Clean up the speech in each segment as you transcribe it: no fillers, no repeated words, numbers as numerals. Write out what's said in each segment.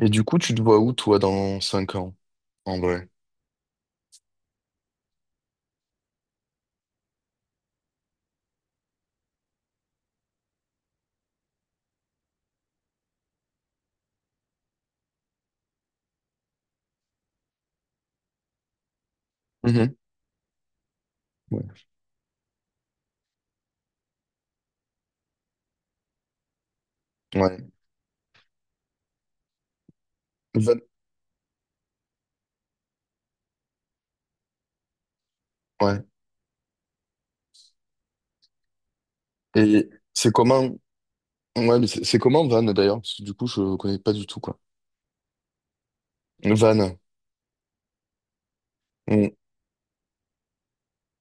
Et du coup, tu te vois où, toi, dans 5 ans, en vrai? Mhm. Ouais. Ouais. Van- ouais. Et c'est comment... Ouais, mais c'est comment Van, d'ailleurs? Parce que du coup, je connais pas du tout, quoi. Van. Mm.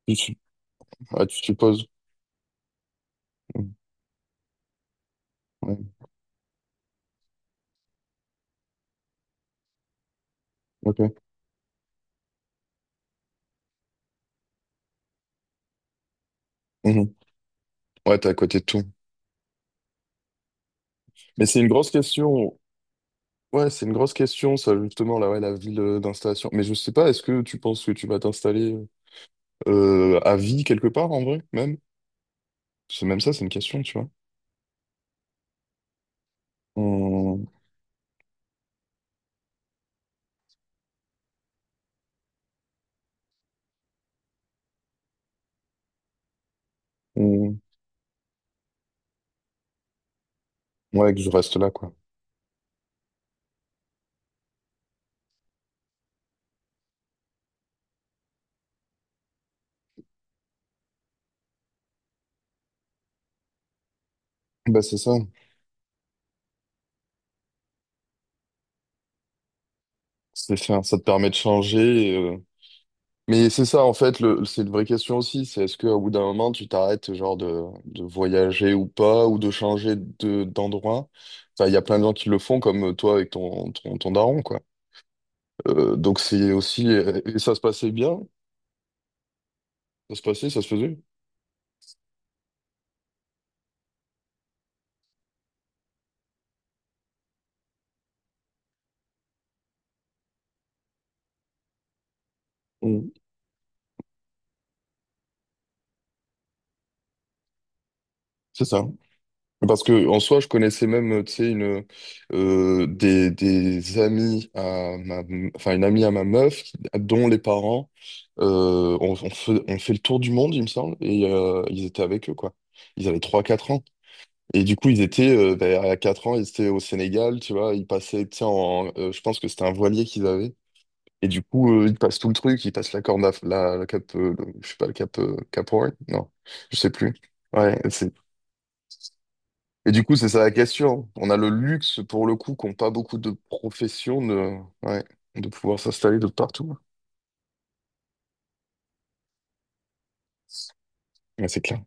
Tu, tu- ah, tu te poses. Mm. Ouais, ok. Mhm. Ouais, t'es à côté de tout. Mais c'est une grosse question. Ouais, c'est une grosse question, ça, justement, là, ouais, la ville d'installation. Mais je sais pas, est-ce que tu penses que tu vas t'installer à vie quelque part, en vrai, même? C'est même ça, c'est une question, tu vois. Mm. Mm. Ouais, que je reste là, quoi. Bah c'est ça, ça te permet de changer. Mais c'est ça en fait, le, c'est une vraie question aussi, c'est est-ce qu'au bout d'un moment tu t'arrêtes genre de voyager ou pas, ou de changer d'endroit? Enfin, il y a plein de gens qui le font comme toi avec ton daron, quoi. Donc c'est aussi... Et ça se passait bien, ça se passait, ça se faisait. Mm. C'est ça. Parce que en soi, je connaissais même, tu sais, une des amis enfin une amie à ma meuf, dont les parents ont fait le tour du monde, il me semble, et ils étaient avec eux, quoi. Ils avaient trois quatre ans. Et du coup, ils étaient, ben, à 4 ans, ils étaient au Sénégal, tu vois, ils passaient, tu sais, en, je pense que c'était un voilier qu'ils avaient. Et du coup, ils passent tout le truc, ils passent la corne, la cap, je sais pas, le cap, Cap Horn, non, je sais plus. Ouais, c'est et du coup, c'est ça la question. On a le luxe, pour le coup, qu'ont pas beaucoup de professions de, ouais, de pouvoir s'installer de partout. Ouais, c'est clair.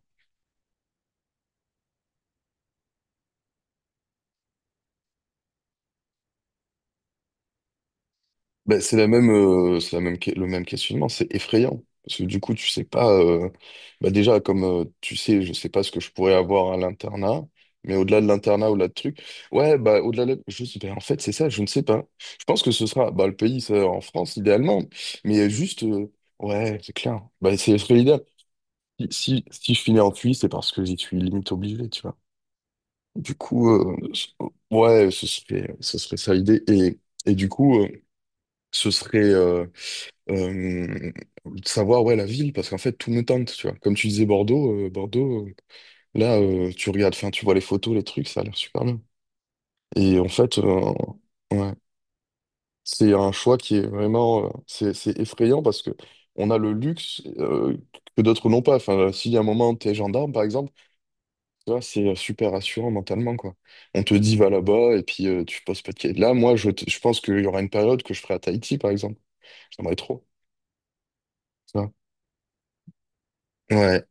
Ben, c'est la même, le même questionnement. C'est effrayant. Parce que du coup, tu sais pas. Bah déjà, comme tu sais, je sais pas ce que je pourrais avoir à l'internat. Mais au-delà de l'internat, au-delà de trucs. Ouais, bah au-delà de. Ben, en fait, c'est ça, je ne sais pas. Je pense que ce sera bah, le pays, ça, en France, idéalement. Mais juste. Ouais, c'est clair. Bah, c'est l'idéal. Si, si, si je finis en cuit, c'est parce que j'y suis limite obligé, tu vois. Du coup, ouais, ce serait ça l'idée. Et du coup, ce serait euh, de savoir ouais, la ville, parce qu'en fait, tout me tente, tu vois. Comme tu disais Bordeaux, Bordeaux, là, tu regardes, enfin, tu vois les photos, les trucs, ça a l'air super bien. Et en fait, ouais, c'est un choix qui est vraiment, c'est effrayant parce que on a le luxe que d'autres n'ont pas. Enfin, si à un moment, t'es gendarme, par exemple, tu vois, c'est super rassurant mentalement, quoi. On te dit va là-bas et puis tu poses pas de questions. Là, moi, je pense qu'il y aura une période que je ferai à Tahiti, par exemple. J'aimerais trop. Ça. Ouais.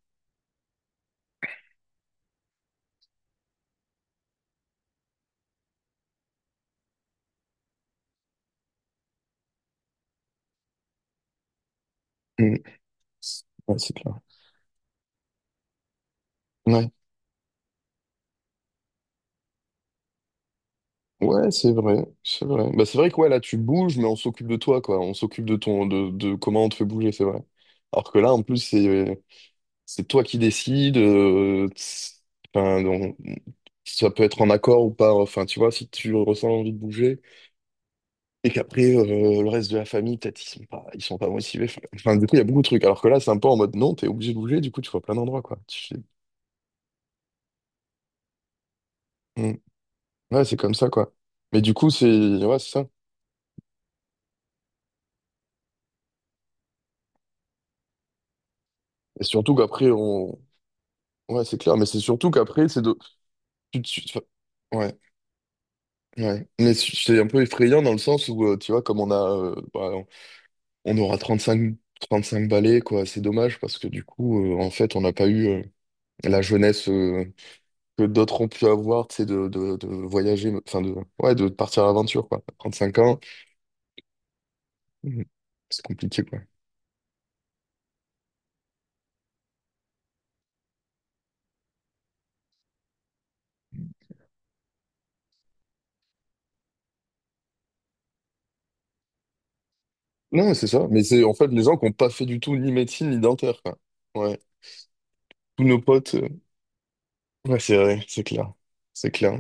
Mm. Ouais, c'est clair. Ouais. Ouais, c'est vrai. C'est vrai. Bah, c'est vrai que ouais, là, tu bouges, mais on s'occupe de toi, quoi. On s'occupe de ton de comment on te fait bouger, c'est vrai. Alors que là, en plus, c'est toi qui décides. Enfin, ça peut être en accord ou pas. Enfin, tu vois, si tu ressens l'envie de bouger. Et qu'après, le reste de la famille, peut-être, ils sont pas motivés. Enfin, enfin, du coup, il y a beaucoup de trucs. Alors que là, c'est un peu en mode non, t'es obligé de bouger, du coup, tu vois plein d'endroits, quoi. Tu fais, hmm. Ouais, c'est comme ça, quoi. Mais du coup, c'est. Ouais, c'est ça. Et surtout qu'après, on. Ouais, c'est clair, mais c'est surtout qu'après, c'est de. Enfin, Ouais, ouais. Mais c'est un peu effrayant dans le sens où, tu vois, comme on a. Bah, on aura 35 balais, quoi. C'est dommage parce que du coup, en fait, on n'a pas eu la jeunesse. Que d'autres ont pu avoir, tu sais, de voyager, enfin de, ouais, de partir à l'aventure, quoi. À 35 ans. Mhm. C'est compliqué, quoi. Non, c'est ça. Mais c'est en fait les gens qui n'ont pas fait du tout ni médecine ni dentaire, quoi. Ouais. Tous nos potes. Ouais, c'est vrai, c'est clair. C'est clair.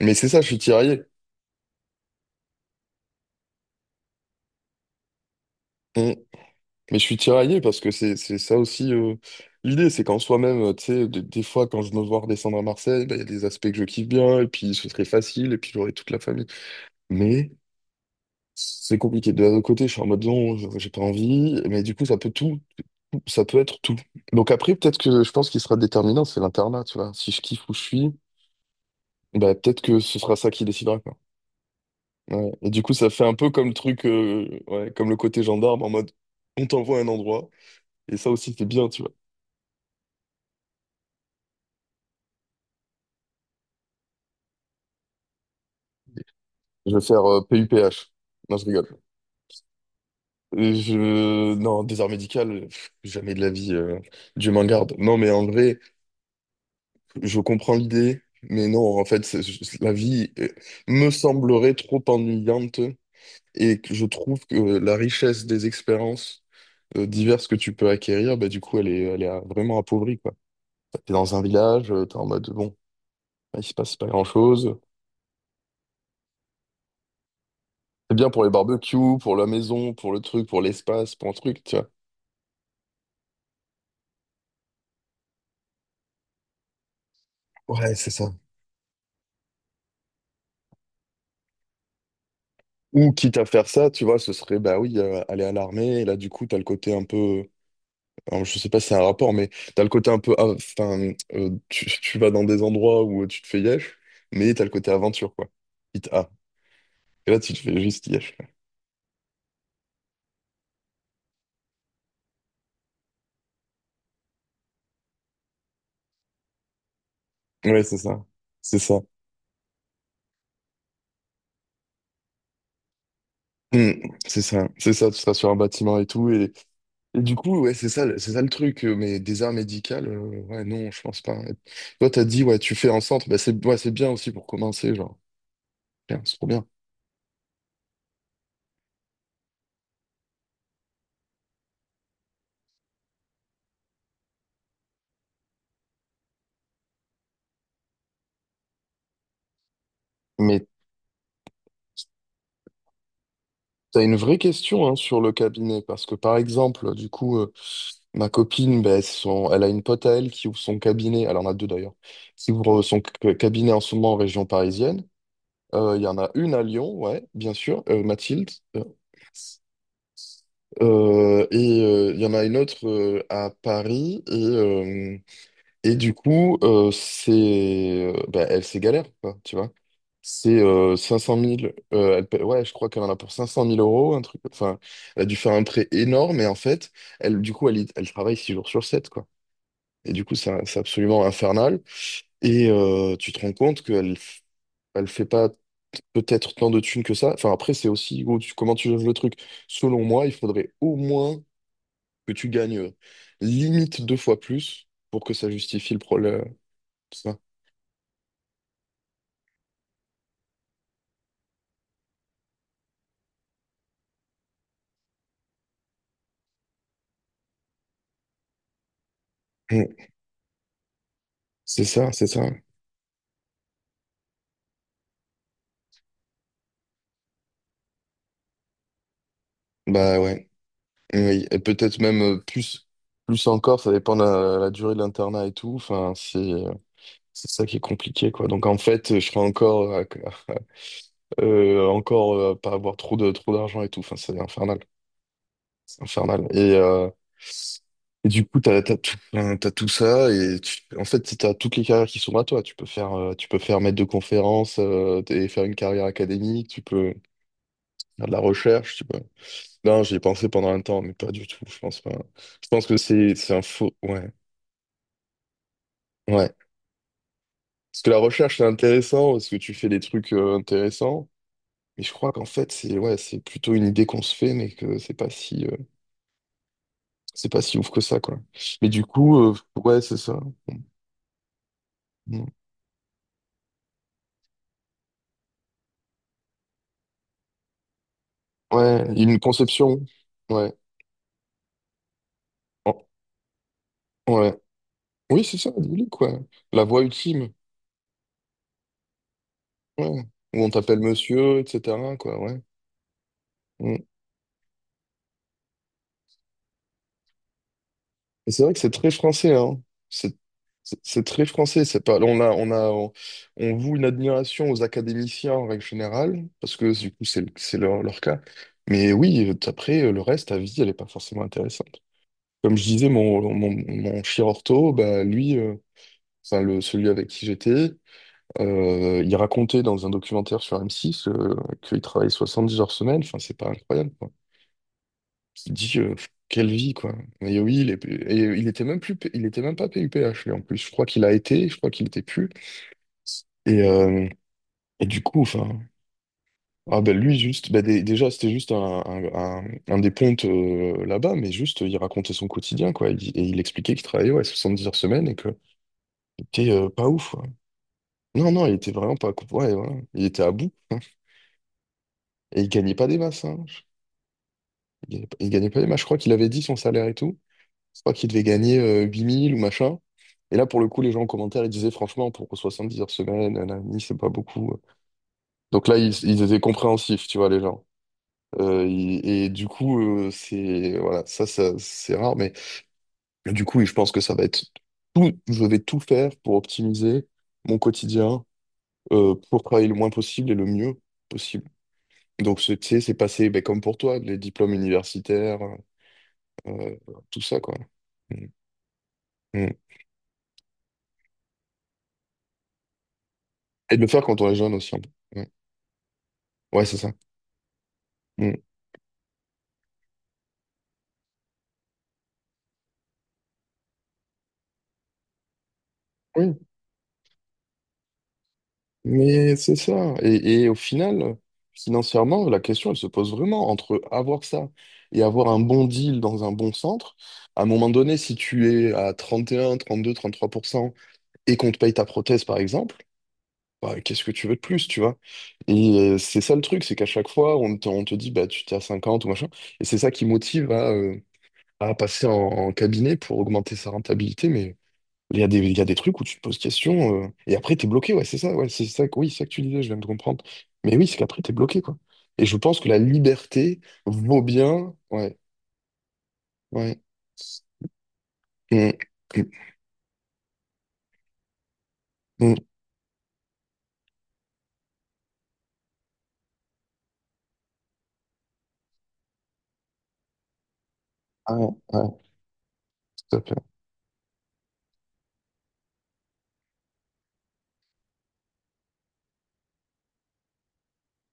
Mais c'est ça, je suis tiraillé. Mhm. Mais je suis tiraillé parce que c'est ça aussi l'idée, c'est qu'en soi-même, tu sais, des fois quand je me vois redescendre à Marseille, bah, il y a des aspects que je kiffe bien, et puis ce serait facile, et puis j'aurais toute la famille. Mais c'est compliqué. De l'autre côté, je suis en mode non, j'ai pas envie, mais du coup, ça peut tout, ça peut être tout. Donc après, peut-être que je pense qu'il sera déterminant, c'est l'internat, tu vois. Si je kiffe où je suis, bah peut-être que ce sera ça qui décidera, quoi. Ouais. Et du coup, ça fait un peu comme le truc, ouais, comme le côté gendarme, en mode on t'envoie à un endroit, et ça aussi, c'est bien, tu vois. Je vais faire PUPH. Non, je rigole. Je... Non, désert médical, pff, jamais de la vie, Dieu m'en garde. Non, mais en vrai. Je comprends l'idée, mais non, en fait, la vie me semblerait trop ennuyante et que je trouve que la richesse des expériences diverses que tu peux acquérir, bah, du coup, elle est vraiment appauvrie, quoi. T'es dans un village, t'es en mode, bon, il se passe pas grand-chose. C'est bien pour les barbecues, pour la maison, pour le truc, pour l'espace, pour un truc, tu vois. Ouais, c'est ça. Ou quitte à faire ça, tu vois, ce serait, bah oui, aller à l'armée, et là, du coup, t'as le côté un peu... Alors, je sais pas si c'est un rapport, mais t'as le côté un peu. Ah, enfin, tu vas dans des endroits où tu te fais yesh, mais t'as le côté aventure, quoi. Quitte a. Et là, tu te fais juste yesh. Ouais, c'est ça. C'est ça. Hmm, c'est ça. C'est ça, tu seras sur un bâtiment et tout. Et du coup, ouais, c'est ça, c'est ça le truc. Mais des arts médicales, ouais, non, je pense pas. Et toi, t'as dit, ouais, tu fais un centre. Bah, c'est ouais, c'est bien aussi pour commencer, genre. Bien, c'est trop bien. Mais t'as une vraie question hein, sur le cabinet, parce que par exemple, du coup. Ma copine, ben, elle a une pote à elle qui ouvre son cabinet, elle en a deux d'ailleurs, qui ouvre son cabinet en ce moment en région parisienne. Il y en a une à Lyon, ouais, bien sûr, Mathilde. Euh, et il y en a une autre à Paris. Et du coup, c'est, ben, elle, c'est galère, quoi, tu vois. C'est 500 000. Ouais, je crois qu'elle en a pour cinq cent mille euros, un truc. Enfin, elle a dû faire un prêt énorme et en fait, elle, du coup, elle travaille six jours sur 7, Et du coup, c'est absolument infernal. Et tu te rends compte qu'elle f- elle fait pas peut-être tant de thunes que ça. Enfin, après, c'est aussi où comment tu juges le truc. Selon moi, il faudrait au moins que tu gagnes limite deux fois plus pour que ça justifie le problème. Ça. Mm. C'est ça, c'est ça. Bah ouais. Oui. Et peut-être même plus, plus encore, ça dépend de la durée de l'internat et tout. Enfin, c'est ça qui est compliqué, quoi. Donc en fait, je serais encore à, Encore pas avoir trop d'argent et tout. Enfin, c'est infernal. C'est infernal. Et du coup, t'as tout, enfin, t'as tout ça et en fait, si t'as toutes les carrières qui sont à toi. Tu peux faire maître de conférence et faire une carrière académique. Tu peux faire de la recherche. Tu peux. Non, j'y ai pensé pendant un temps, mais pas du tout. Je pense pas. Je pense que c'est un faux. Ouais, ouais. Parce que la recherche, c'est intéressant parce que tu fais des trucs intéressants. Mais je crois qu'en fait, c'est ouais, c'est plutôt une idée qu'on se fait, mais que c'est pas si ouf que ça, quoi. Mais du coup, ouais, c'est ça. Mm. Ouais, il y a une conception. Ouais. Oh, ouais. Oui, c'est ça, dis-le, quoi. La voix ultime. Ouais. Où on t'appelle monsieur, etc., quoi, ouais. Mm. Et c'est vrai que c'est très français, hein. C'est c'est très français. C'est pas, on voue une admiration aux académiciens en règle générale, parce que du coup, c'est leur, leur cas. Mais oui, après, le reste, ta vie, elle est pas forcément intéressante. Comme je disais, mon chirurto, bah, lui. Enfin le, celui avec qui j'étais, il racontait dans un documentaire sur M6 qu'il travaille 70 heures semaine, enfin c'est pas incroyable quoi. Il dit quelle vie quoi. Mais oui, et il était même plus, il était même pas PUPH lui en plus. Je crois qu'il a été, je crois qu'il était plus. Et, euh, et du coup, enfin, ah ben lui juste, ben déjà c'était juste un des pontes là-bas, mais juste il racontait son quotidien quoi. Et il expliquait qu'il travaillait ouais, 70 heures semaine et que c'était pas ouf. Non, non, il était vraiment pas. Ouais, voilà. Il était à bout, hein. Et il gagnait pas des masses, hein. Il gagnait pas des masses. Je crois qu'il avait dit son salaire et tout. Je crois qu'il devait gagner 8000 ou machin. Et là, pour le coup, les gens en commentaire, ils disaient franchement, pour 70 heures semaine, un ami, c'est pas beaucoup. Donc là, ils étaient compréhensifs, tu vois, les gens. Et du coup, c'est. Voilà, ça c'est rare. Mais du coup, oui, je pense que ça va être tout. Je vais tout faire pour optimiser mon quotidien, pour travailler le moins possible et le mieux possible. Donc, tu sais, c'est passé ben, comme pour toi, les diplômes universitaires, euh, tout ça, quoi. Mm. Mm. Et de le faire quand on est jeune aussi, un peu. Ouais, ouais, c'est ça. Mm. Oui, mais c'est ça. Et au final, financièrement, la question, elle se pose vraiment entre avoir ça et avoir un bon deal dans un bon centre. À un moment donné, si tu es à 31, 32, 33% et qu'on te paye ta prothèse, par exemple, bah, qu'est-ce que tu veux de plus, tu vois? Et c'est ça le truc, c'est qu'à chaque fois, on te dit, bah, tu t'es à 50 ou machin. Et c'est ça qui motive à passer en cabinet pour augmenter sa rentabilité. Mais il y a des trucs où tu te poses question, et après, t'es bloqué, ouais, c'est ça, oui, c'est ça que tu disais, je viens de comprendre. Mais oui, c'est qu'après, t'es bloqué, quoi. Et je pense que la liberté vaut bien, ouais, ouais. Mm, mm, mm. Ah, ouais, tout à fait.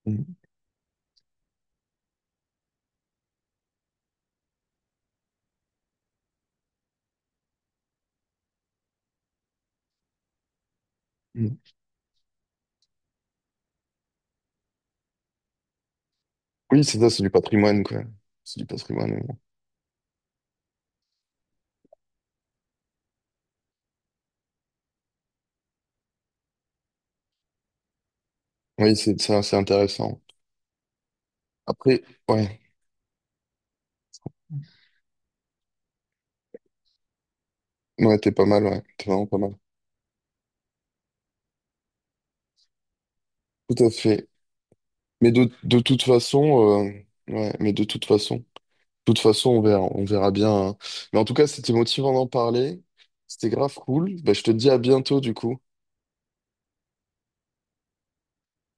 Mm, mm. Oui, c'est ça, c'est du patrimoine, quoi. C'est du patrimoine, mais bon. Oui, c'est ça, c'est intéressant. Après, ouais, ouais, t'es pas mal, ouais, t'es vraiment pas mal. Tout à fait. Mais de toute façon, de toute façon, on verra bien, hein. Mais en tout cas, c'était motivant d'en parler. C'était grave cool. Bah, je te dis à bientôt, du coup.